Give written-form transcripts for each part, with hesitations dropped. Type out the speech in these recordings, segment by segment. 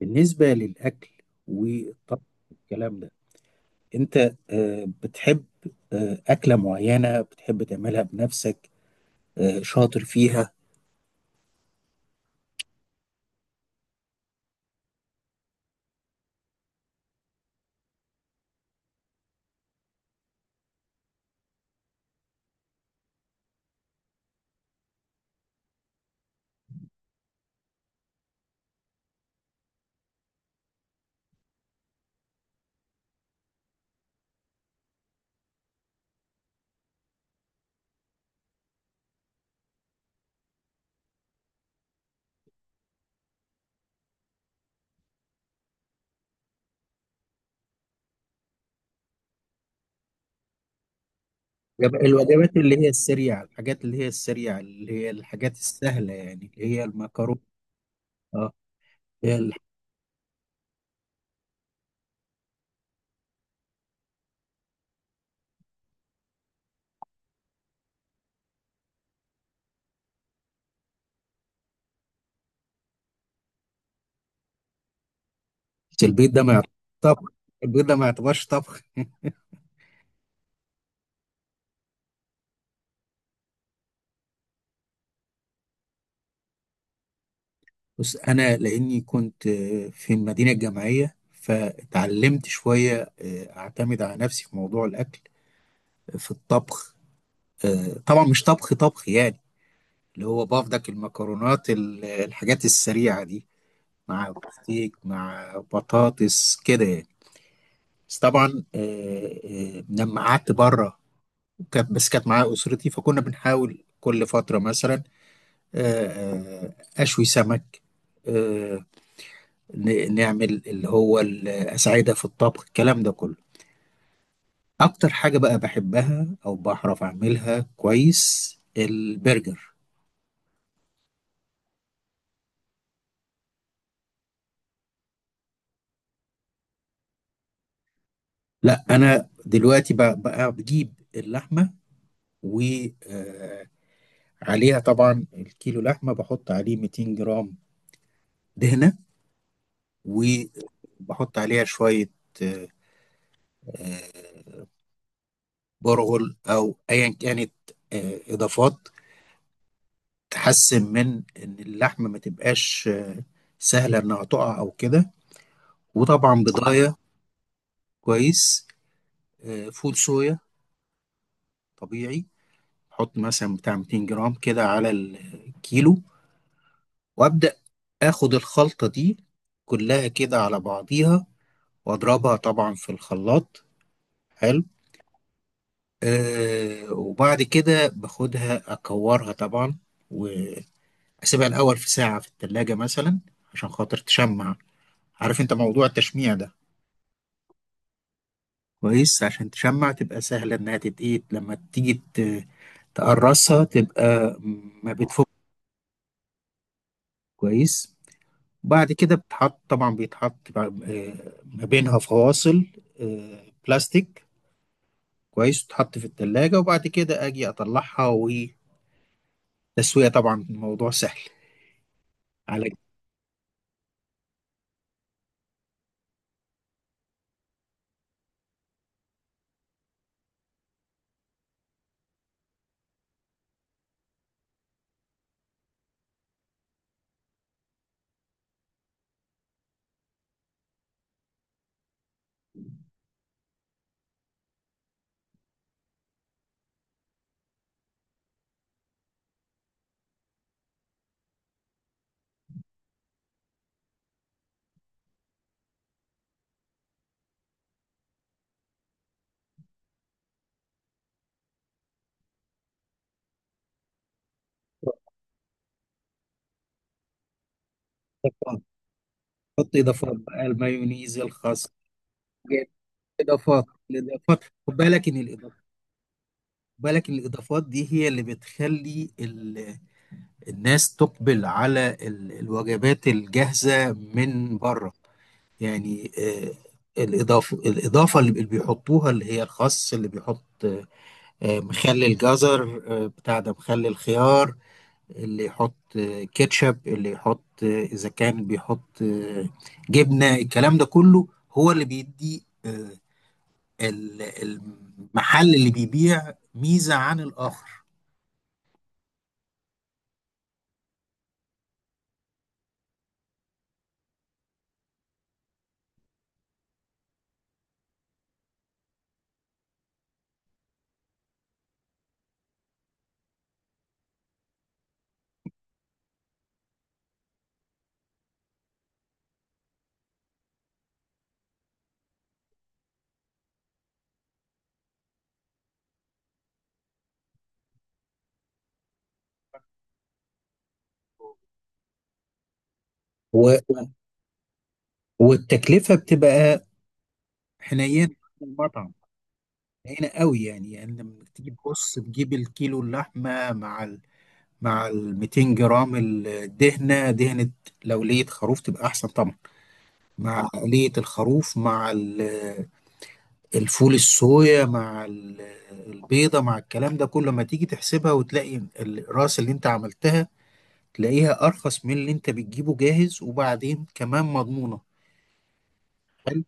بالنسبة للأكل والطبخ والكلام ده، أنت بتحب أكلة معينة بتحب تعملها بنفسك، شاطر فيها؟ يبقى الوجبات اللي هي السريعة، الحاجات اللي هي السريعة، اللي هي الحاجات السهلة، يعني اللي هي المكرونة. اه. هي الح- البيض ده ما يعتبرش طبخ طبخ. بس أنا لأني كنت في المدينة الجامعية، فتعلمت شوية أعتمد على نفسي في موضوع الأكل، في الطبخ. طبعا مش طبخ طبخ يعني، اللي هو بافضك الحاجات السريعة دي، مع بفتيك مع بطاطس كده يعني. بس طبعا، لما قعدت بره، كانت معايا أسرتي، فكنا بنحاول كل فترة مثلا، آه، آه، أشوي سمك، آه، نعمل اللي هو الأساعدة في الطبخ الكلام ده كله. أكتر حاجة بقى بحبها أو بعرف أعملها كويس البرجر. لا، انا دلوقتي بقى بجيب اللحمه وعليها، طبعا الكيلو لحمه بحط عليه 200 جرام دهنه، وبحط عليها شويه آه، آه، برغل او ايا كانت اضافات تحسن من ان اللحمه ما تبقاش سهله انها تقع او كده. وطبعا بضايه كويس فول صويا طبيعي، احط مثلا بتاع 200 جرام كده على الكيلو، وابدا اخد الخلطة دي كلها كده على بعضيها، واضربها طبعا في الخلاط. حلو. آه، وبعد كده باخدها اكورها طبعا، واسيبها الاول في ساعة في التلاجة مثلا، عشان خاطر تشمع. عارف انت موضوع التشميع ده؟ كويس، عشان تشمع تبقى سهلة انها تتقيت لما تيجي تقرصها، تبقى ما بتفك كويس. بعد كده بتحط طبعا، ما بينها فواصل بلاستيك كويس، تتحط في التلاجة، وبعد كده أجي أطلعها وتسوية. طبعا الموضوع سهل على إضافات. حط إضافات بقى، المايونيز، الخس. جايب إضافات. الإضافات خد بالك إن الإضافات خد بالك إن الإضافات دي هي اللي بتخلي ال... الناس تقبل على ال... الوجبات الجاهزة من بره. يعني الإضافة اللي بيحطوها، اللي هي الخس، اللي بيحط مخلل جزر، بتاع ده مخلل خيار، اللي يحط كاتشب، اللي يحط اذا كان بيحط جبنه، الكلام ده كله هو اللي بيدي المحل اللي بيبيع ميزه عن الاخر. و- والتكلفه بتبقى حنينه على المطعم، حنينه قوي يعني. يعني لما تيجي تبص تجيب الكيلو اللحمه مع ال 200 جرام الدهنه، لو لية خروف تبقى احسن طبعا، مع لية الخروف، مع الفول الصويا، مع البيضة، مع الكلام ده كله، ما تيجي تحسبها وتلاقي الراس اللي انت عملتها، تلاقيها ارخص من اللي انت بتجيبه جاهز، وبعدين كمان مضمونة. حلو.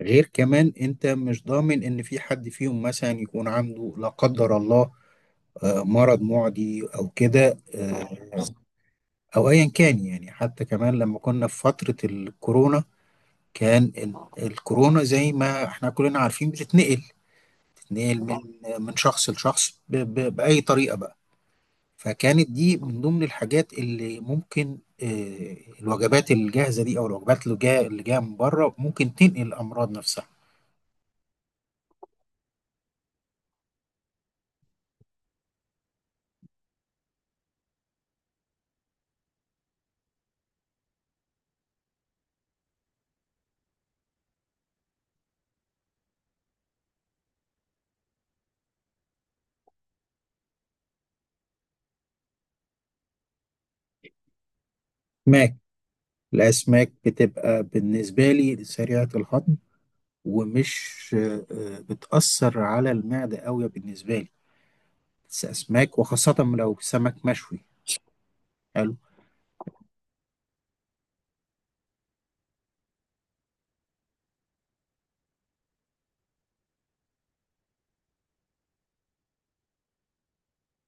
غير كمان انت مش ضامن ان في حد فيهم مثلا يكون عنده، لا قدر الله، مرض معدي او كده، او ايا كان يعني. حتى كمان لما كنا في فترة الكورونا، كان الكورونا زي ما احنا كلنا عارفين بتتنقل، نقل من من شخص لشخص بأي طريقة بقى. فكانت دي من ضمن الحاجات اللي ممكن، الوجبات الجاهزة دي أو الوجبات اللي جاية، من بره، ممكن تنقل الأمراض نفسها. أسماك. الأسماك بتبقى بالنسبة لي سريعة الهضم، ومش بتأثر على المعدة قوي بالنسبة لي. بس أسماك، وخاصة لو سمك مشوي. حلو.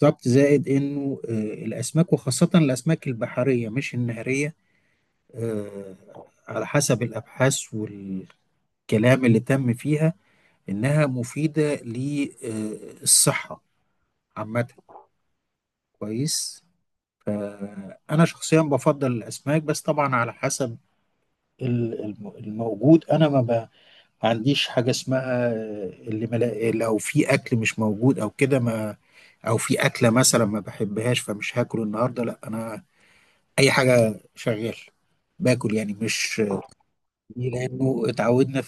بالظبط، زائد انه الاسماك وخاصه الاسماك البحريه مش النهريه، آه، على حسب الأبحاث والكلام اللي تم فيها، إنها مفيدة للصحة عامة. كويس. فأنا شخصيا بفضل الأسماك، بس طبعا على حسب الموجود. أنا ما عنديش حاجة اسمها اللي ملا... لو في أكل مش موجود أو كده، ما، أو في أكلة مثلا ما بحبهاش فمش هاكل النهاردة، لا أنا أي حاجة شغال باكل يعني، مش لأنه اتعودنا.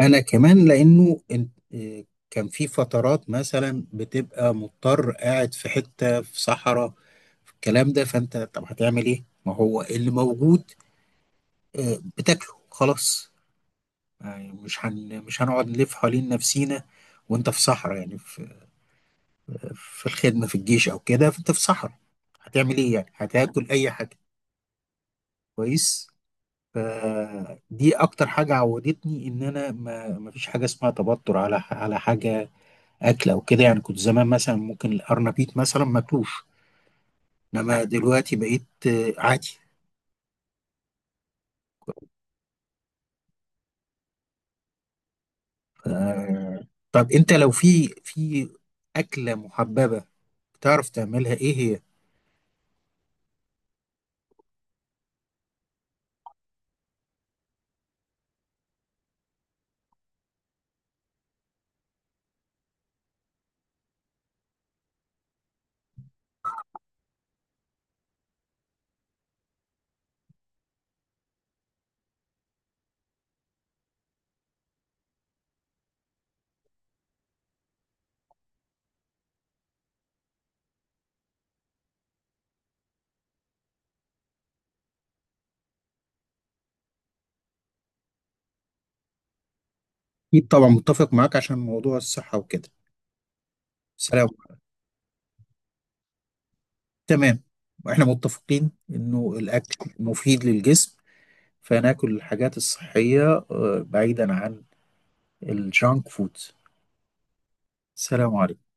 انا كمان لانه إيه، كان في فترات مثلا بتبقى مضطر قاعد في حتة في صحراء في الكلام ده، فانت طب هتعمل ايه؟ ما هو اللي موجود بتاكله خلاص. يعني مش هنقعد نلف حوالين نفسينا وانت في صحراء، يعني في الخدمة في الجيش او كده، فانت في صحراء هتعمل ايه؟ يعني هتاكل اي حاجة. كويس. فدي اكتر حاجة عودتني ان انا ما فيش حاجة اسمها توتر على على حاجة، اكل او كده يعني. كنت زمان مثلا ممكن الارنبيط مثلا ماكلوش، انما دلوقتي بقيت عادي. طب انت لو في اكله محببه بتعرف تعملها، ايه هي؟ اكيد طبعا متفق معاك عشان موضوع الصحه وكده. سلام. تمام. واحنا متفقين انه الاكل مفيد للجسم، فناكل الحاجات الصحيه بعيدا عن الجانك فود. سلام عليكم.